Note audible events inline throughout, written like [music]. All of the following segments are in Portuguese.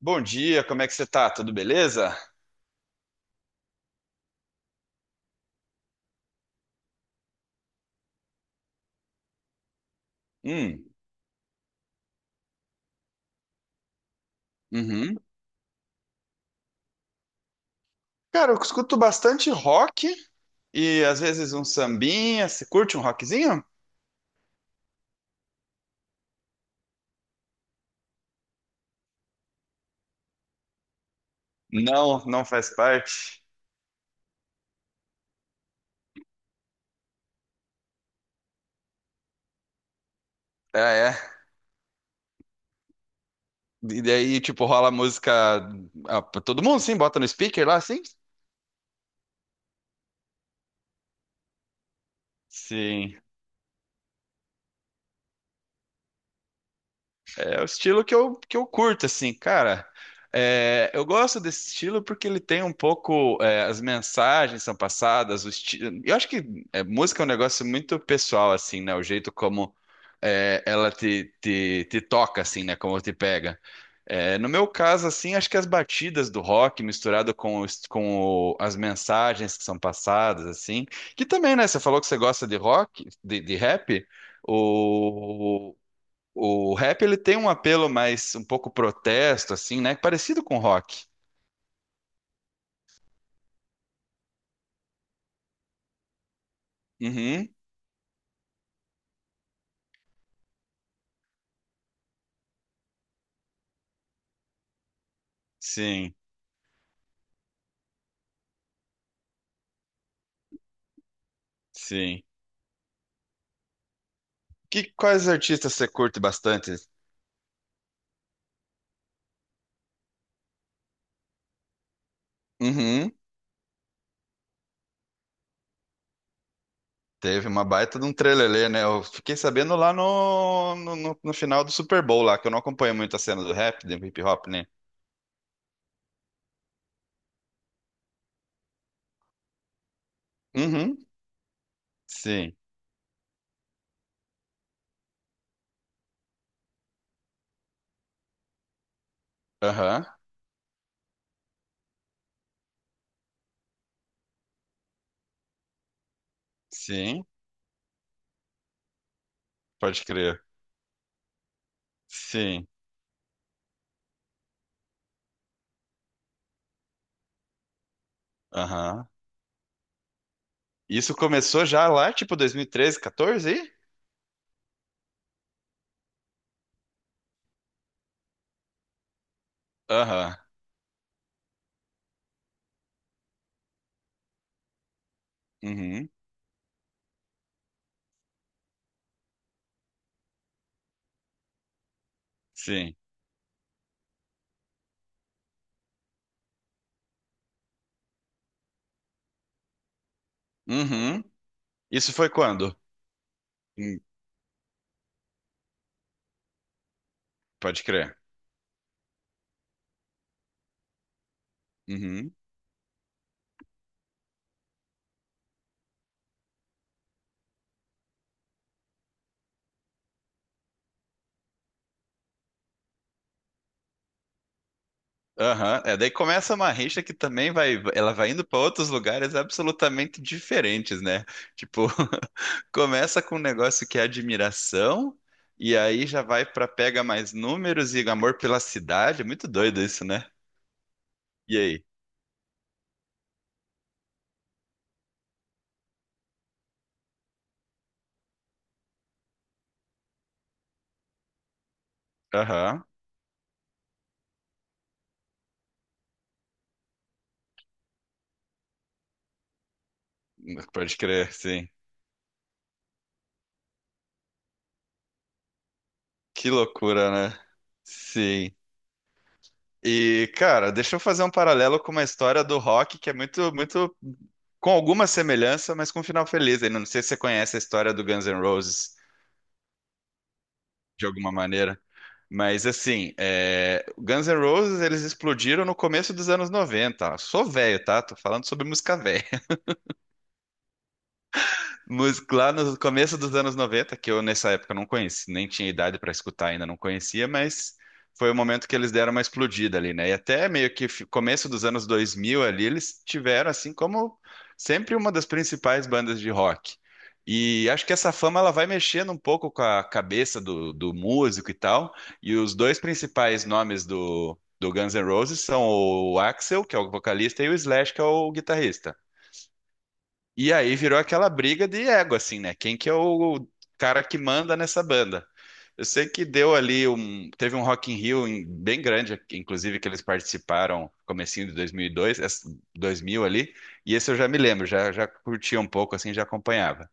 Bom dia, como é que você tá? Tudo beleza? Hum, uhum. Cara, eu escuto bastante rock e às vezes um sambinha. Você curte um rockzinho? Não, não faz parte. Ah, é. E daí, tipo, rola música pra todo mundo, sim? Bota no speaker lá, sim? Sim. É o estilo que eu curto, assim, cara. É, eu gosto desse estilo porque ele tem um pouco. As mensagens são passadas, o estilo. Eu acho que música é um negócio muito pessoal, assim, né? O jeito como ela te toca, assim, né? Como te pega. É, no meu caso, assim, acho que as batidas do rock misturado com, as mensagens que são passadas, assim. Que também, né? Você falou que você gosta de rock, de rap. O, o rap ele tem um apelo mais um pouco protesto, assim, né? Parecido com rock. Uhum. Sim, sim. Quais artistas você curte bastante? Uhum. Teve uma baita de um trelelê, né? Eu fiquei sabendo lá no final do Super Bowl lá, que eu não acompanho muito a cena do rap, do hip hop, né? Uhum. Sim. Aham. Sim. Pode crer. Sim. Aham. Isso começou já lá, tipo 2013, 14? Aí? Aham. Uhum. Sim. Uhum. Isso foi quando? Hum, Pode crer. Uhum. Aham. É, daí começa uma rixa que também vai, ela vai indo para outros lugares absolutamente diferentes, né? Tipo, [laughs] começa com um negócio que é admiração e aí já vai para pega mais números e amor pela cidade. Muito doido isso, né? E aí? Aham. Pode crer, sim. Que loucura, né? Sim. E, cara, deixa eu fazer um paralelo com uma história do rock que é muito, muito com alguma semelhança, mas com um final feliz. Eu não sei se você conhece a história do Guns N' Roses de alguma maneira, mas assim, é... O Guns N' Roses eles explodiram no começo dos anos 90. Sou velho, tá? Tô falando sobre música velha. Música lá no começo dos anos 90, que eu nessa época não conheci, nem tinha idade para escutar ainda, não conhecia, mas foi o momento que eles deram uma explodida ali, né? E até meio que começo dos anos 2000 ali, eles tiveram assim como sempre uma das principais bandas de rock. E acho que essa fama ela vai mexendo um pouco com a cabeça do músico e tal. E os dois principais nomes do Guns N' Roses são o Axl, que é o vocalista, e o Slash, que é o guitarrista. E aí virou aquela briga de ego, assim, né? Quem que é o cara que manda nessa banda? Eu sei que deu ali um, teve um Rock in Rio bem grande, inclusive que eles participaram comecinho de 2002, 2000 ali, e esse eu já me lembro, já curtia um pouco assim, já acompanhava.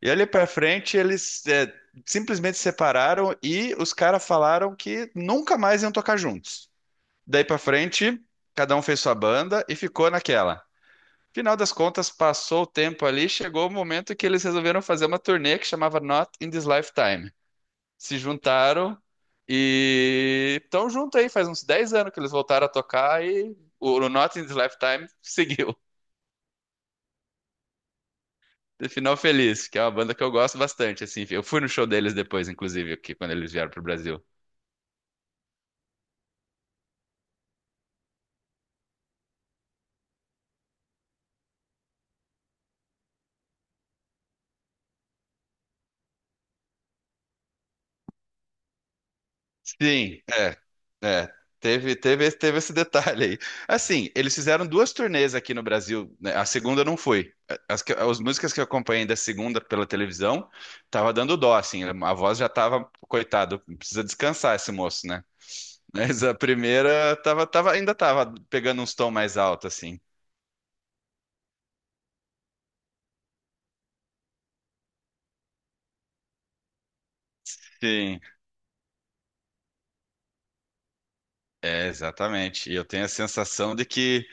E ali pra frente simplesmente separaram e os caras falaram que nunca mais iam tocar juntos. Daí pra frente, cada um fez sua banda e ficou naquela. Final das contas, passou o tempo ali, chegou o momento que eles resolveram fazer uma turnê que chamava Not in This Lifetime. Se juntaram e estão junto aí, faz uns 10 anos que eles voltaram a tocar e o Not in This Lifetime seguiu. [laughs] Final Feliz, que é uma banda que eu gosto bastante, assim. Eu fui no show deles depois, inclusive, aqui, quando eles vieram pro Brasil. Sim, é, é. Teve esse detalhe aí. Assim, eles fizeram duas turnês aqui no Brasil, né? A segunda não foi. As músicas que eu acompanhei da segunda pela televisão, tava dando dó, assim, a voz já tava, coitado, precisa descansar esse moço, né? Mas a primeira ainda tava pegando uns tons mais altos, assim. Sim, é, exatamente. E eu tenho a sensação de que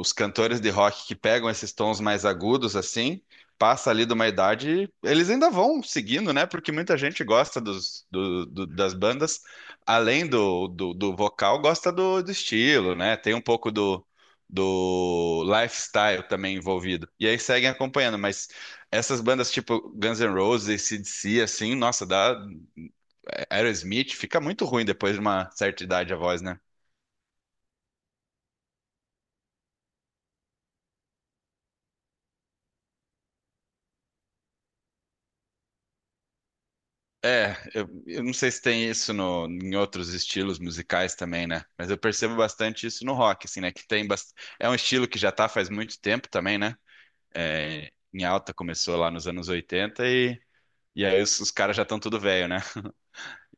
os cantores de rock que pegam esses tons mais agudos, assim, passa ali de uma idade, eles ainda vão seguindo, né? Porque muita gente gosta dos, das bandas, além do vocal, gosta do estilo, né? Tem um pouco do lifestyle também envolvido. E aí seguem acompanhando, mas essas bandas tipo Guns N' Roses, AC/DC, assim, nossa, dá. Aerosmith fica muito ruim depois de uma certa idade a voz, né? É, eu não sei se tem isso no, em outros estilos musicais também, né? Mas eu percebo bastante isso no rock, assim, né? Que tem É um estilo que já tá faz muito tempo também, né? É, em alta começou lá nos anos 80 e aí os caras já estão tudo velho, né?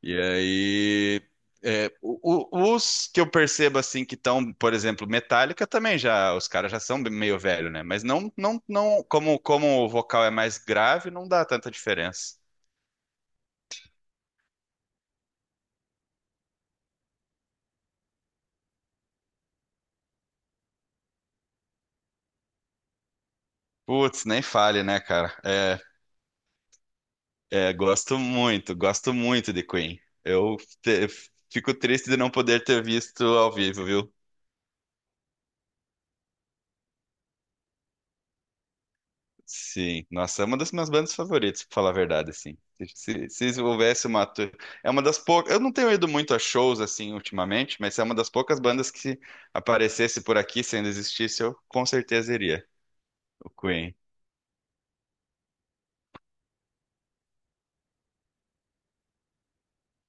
E aí, é, os que eu percebo assim que estão, por exemplo, Metallica também já, os caras já são meio velho, né? Mas não, como, como o vocal é mais grave, não dá tanta diferença. Putz, nem fale, né, cara? É, é, gosto muito de Queen. Eu te- fico triste de não poder ter visto ao vivo, viu? Sim, nossa, é uma das minhas bandas favoritas, pra falar a verdade, assim. Se houvesse é uma das poucas. Eu não tenho ido muito a shows, assim, ultimamente, mas é uma das poucas bandas que se aparecesse por aqui, se ainda existisse, eu com certeza iria. O Queen,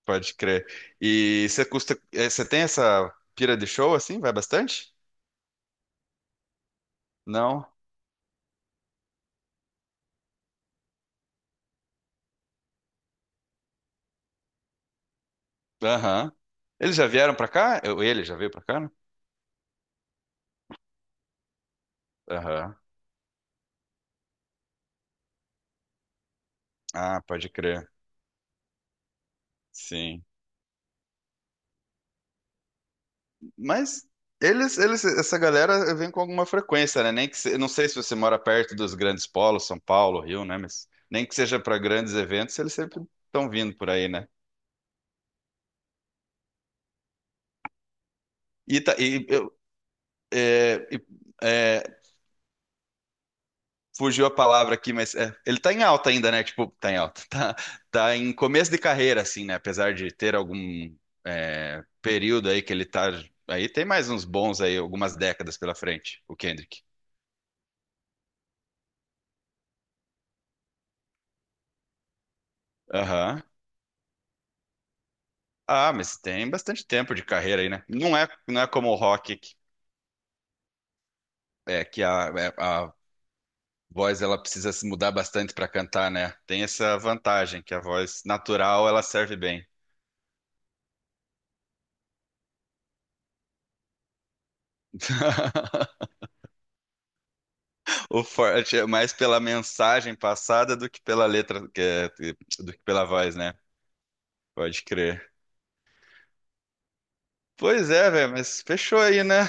pode crer. E você você tem essa pira de show, assim? Vai bastante? Não? Aham. Eles já vieram pra cá? Ele já veio pra cá, né? Aham. Ah, pode crer. Sim. Mas essa galera vem com alguma frequência, né? Nem que se, eu não sei se você mora perto dos grandes polos, São Paulo, Rio, né? Mas nem que seja para grandes eventos, eles sempre estão vindo por aí, né? E, tá, e eu, é, e, é, fugiu a palavra aqui, mas é, ele tá em alta ainda, né? Tipo, tá em alta. Tá, tá em começo de carreira, assim, né? Apesar de ter algum período aí que ele tá. Aí tem mais uns bons aí, algumas décadas pela frente, o Kendrick. Aham. Ah, mas tem bastante tempo de carreira aí, né? Não é como o rock, a voz ela precisa se mudar bastante para cantar, né? Tem essa vantagem, que a voz natural ela serve bem. [laughs] O forte é mais pela mensagem passada do que pela letra, do que pela voz, né? Pode crer. Pois é, velho, mas fechou aí, né?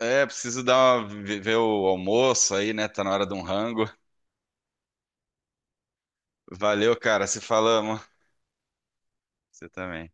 É, preciso dar uma, ver o almoço aí, né? Tá na hora de um rango. Valeu, cara, se falamos. Você também.